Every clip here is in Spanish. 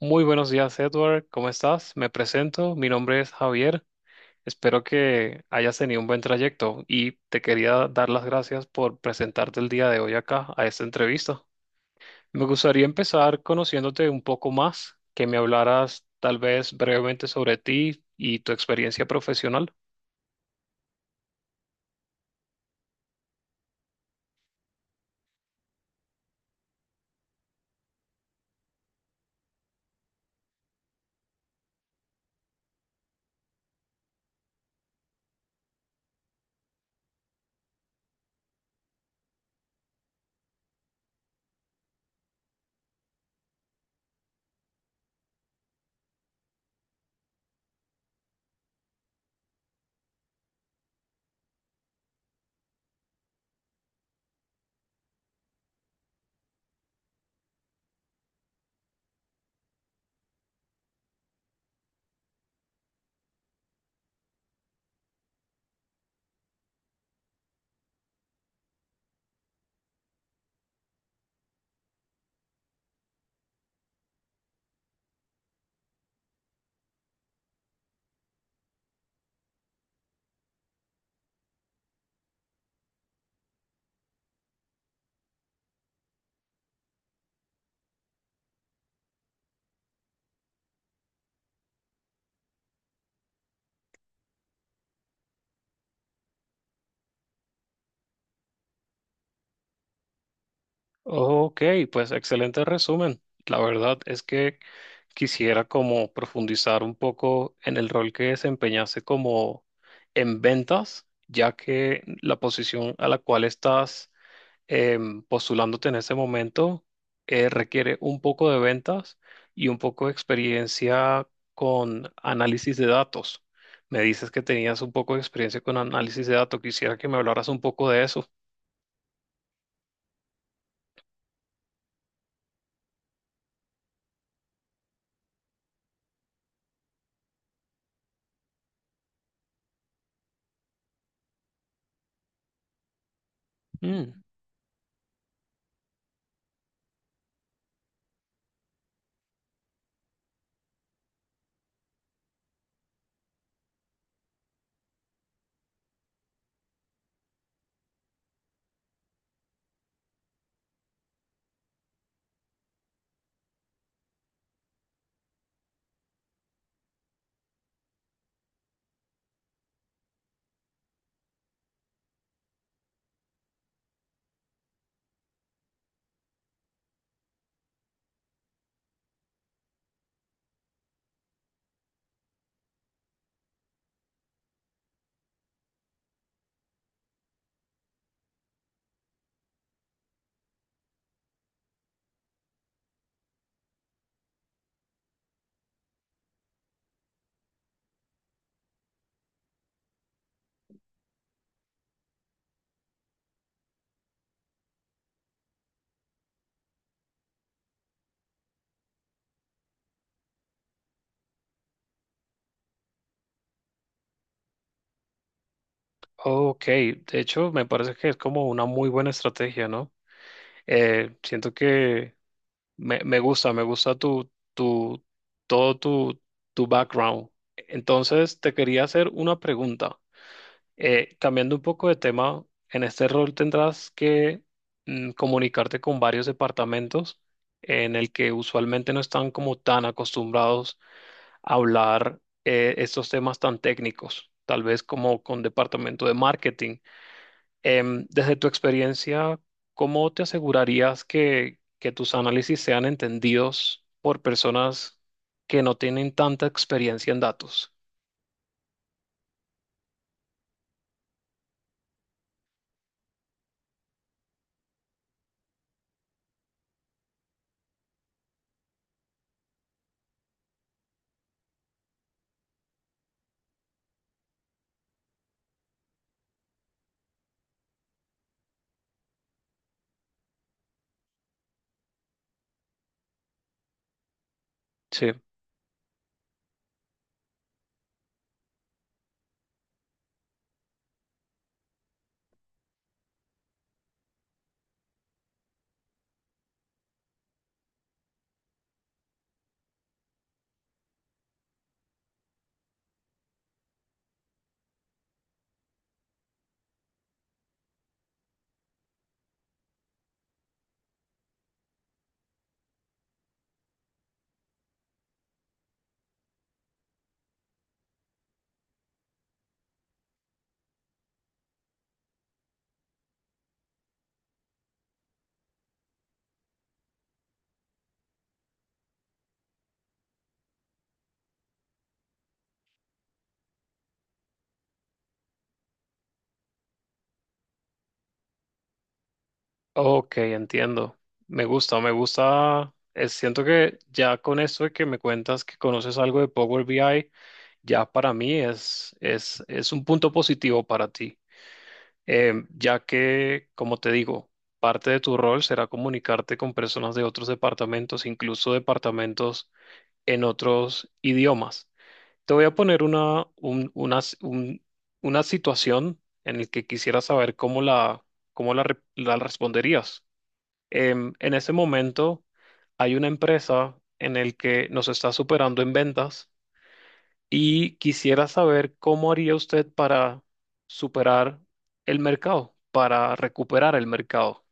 Muy buenos días, Edward. ¿Cómo estás? Me presento. Mi nombre es Javier. Espero que hayas tenido un buen trayecto y te quería dar las gracias por presentarte el día de hoy acá a esta entrevista. Me gustaría empezar conociéndote un poco más, que me hablaras tal vez brevemente sobre ti y tu experiencia profesional. Ok, pues excelente resumen. La verdad es que quisiera como profundizar un poco en el rol que desempeñaste como en ventas, ya que la posición a la cual estás postulándote en ese momento requiere un poco de ventas y un poco de experiencia con análisis de datos. Me dices que tenías un poco de experiencia con análisis de datos. Quisiera que me hablaras un poco de eso. Mm, ok, de hecho me parece que es como una muy buena estrategia, ¿no? Siento que me gusta, me gusta tu, todo tu background. Entonces, te quería hacer una pregunta. Cambiando un poco de tema, en este rol tendrás que comunicarte con varios departamentos en el que usualmente no están como tan acostumbrados a hablar estos temas tan técnicos, tal vez como con departamento de marketing. Em, desde tu experiencia, ¿cómo te asegurarías que tus análisis sean entendidos por personas que no tienen tanta experiencia en datos? Sí. Ok, entiendo. Me gusta, me gusta. Siento que ya con esto de que me cuentas que conoces algo de Power BI, ya para mí es un punto positivo para ti. Ya que, como te digo, parte de tu rol será comunicarte con personas de otros departamentos, incluso departamentos en otros idiomas. Te voy a poner una, un- una, s- un- una situación en la que quisiera saber cómo la responderías. Em, en ese momento hay una empresa en el que nos está superando en ventas y quisiera saber cómo haría usted para superar el mercado, para recuperar el mercado.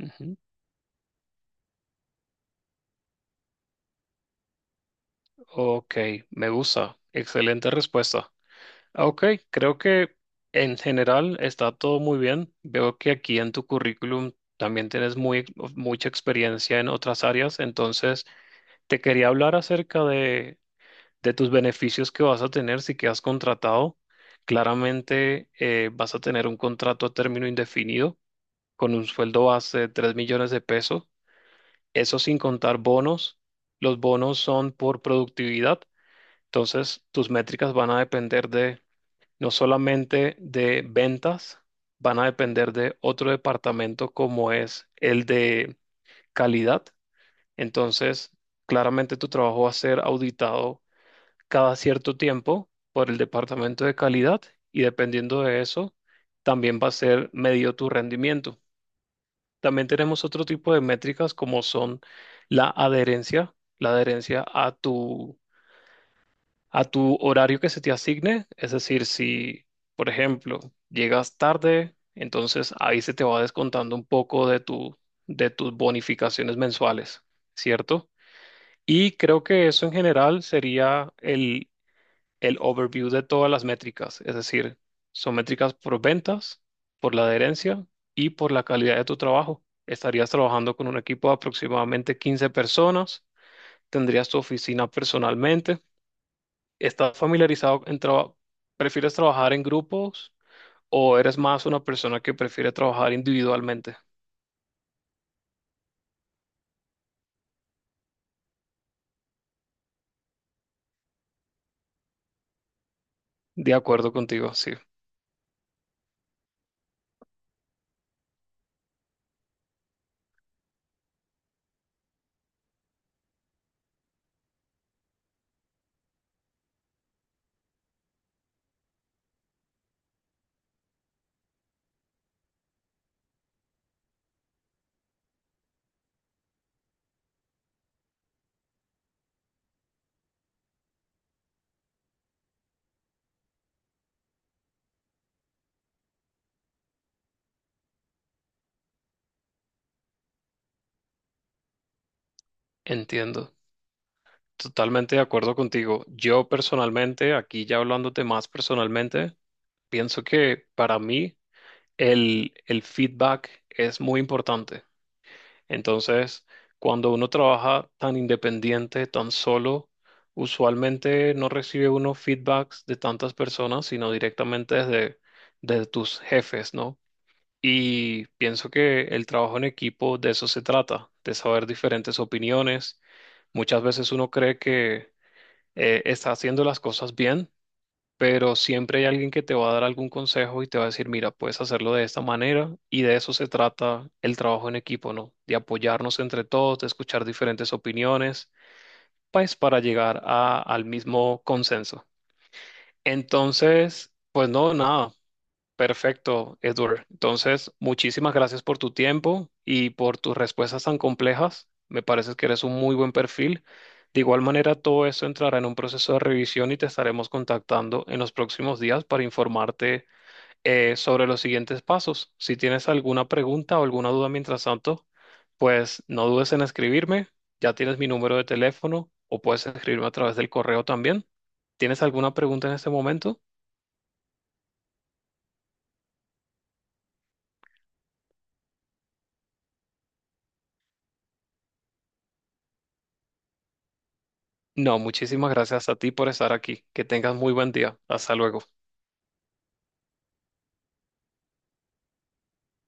Ujú. Ok, me gusta. Excelente respuesta. Ah, ok, creo que en general está todo muy bien. Veo que aquí en tu currículum también tienes mucha experiencia en otras áreas, entonces te quería hablar acerca de tus beneficios que vas a tener si quedas contratado. Claramente vas a tener un contrato a término indefinido con un sueldo base de 3 millones de pesos, eso sin contar bonos. Los bonos son por productividad, entonces tus métricas van a depender no solamente de ventas, van a depender de otro departamento como es el de calidad. Entonces, claramente tu trabajo va a ser auditado cada cierto tiempo por el departamento de calidad y dependiendo de eso, también va a ser medido tu rendimiento. También tenemos otro tipo de métricas como son la adherencia a tu horario que se te asigne. Es decir, si, por ejemplo, llegas tarde, entonces ahí se te va descontando un poco de tu, de tus bonificaciones mensuales, ¿cierto? Y creo que eso en general sería el overview de todas las métricas. Es decir, son métricas por ventas, por la adherencia y por la calidad de tu trabajo. Estarías trabajando con un equipo de aproximadamente 15 personas, tendrías tu oficina personalmente. ¿Estás familiarizado en trabajo? ¿Prefieres trabajar en grupos o eres más una persona que prefiere trabajar individualmente? De acuerdo contigo, sí, entiendo. Totalmente de acuerdo contigo. Yo personalmente, aquí ya hablándote más personalmente, pienso que para mí el feedback es muy importante. Entonces, cuando uno trabaja tan independiente, tan solo, usualmente no recibe uno feedbacks de tantas personas, sino directamente desde tus jefes, ¿no? Y pienso que el trabajo en equipo de eso se trata, de saber diferentes opiniones. Muchas veces uno cree que está haciendo las cosas bien pero siempre hay alguien que te va a dar algún consejo y te va a decir, mira, puedes hacerlo de esta manera y de eso se trata el trabajo en equipo, ¿no? De apoyarnos entre todos, de escuchar diferentes opiniones, pues para al mismo consenso. Entonces, pues no, nada. Perfecto, Edward. Entonces, muchísimas gracias por tu tiempo y por tus respuestas tan complejas. Me parece que eres un muy buen perfil. De igual manera, todo eso entrará en un proceso de revisión y te estaremos contactando en los próximos días para informarte sobre los siguientes pasos. Si tienes alguna pregunta o alguna duda mientras tanto, pues no dudes en escribirme. Ya tienes mi número de teléfono o puedes escribirme a través del correo también. ¿Tienes alguna pregunta en este momento? No, muchísimas gracias a ti por estar aquí. Que tengas muy buen día. Hasta luego.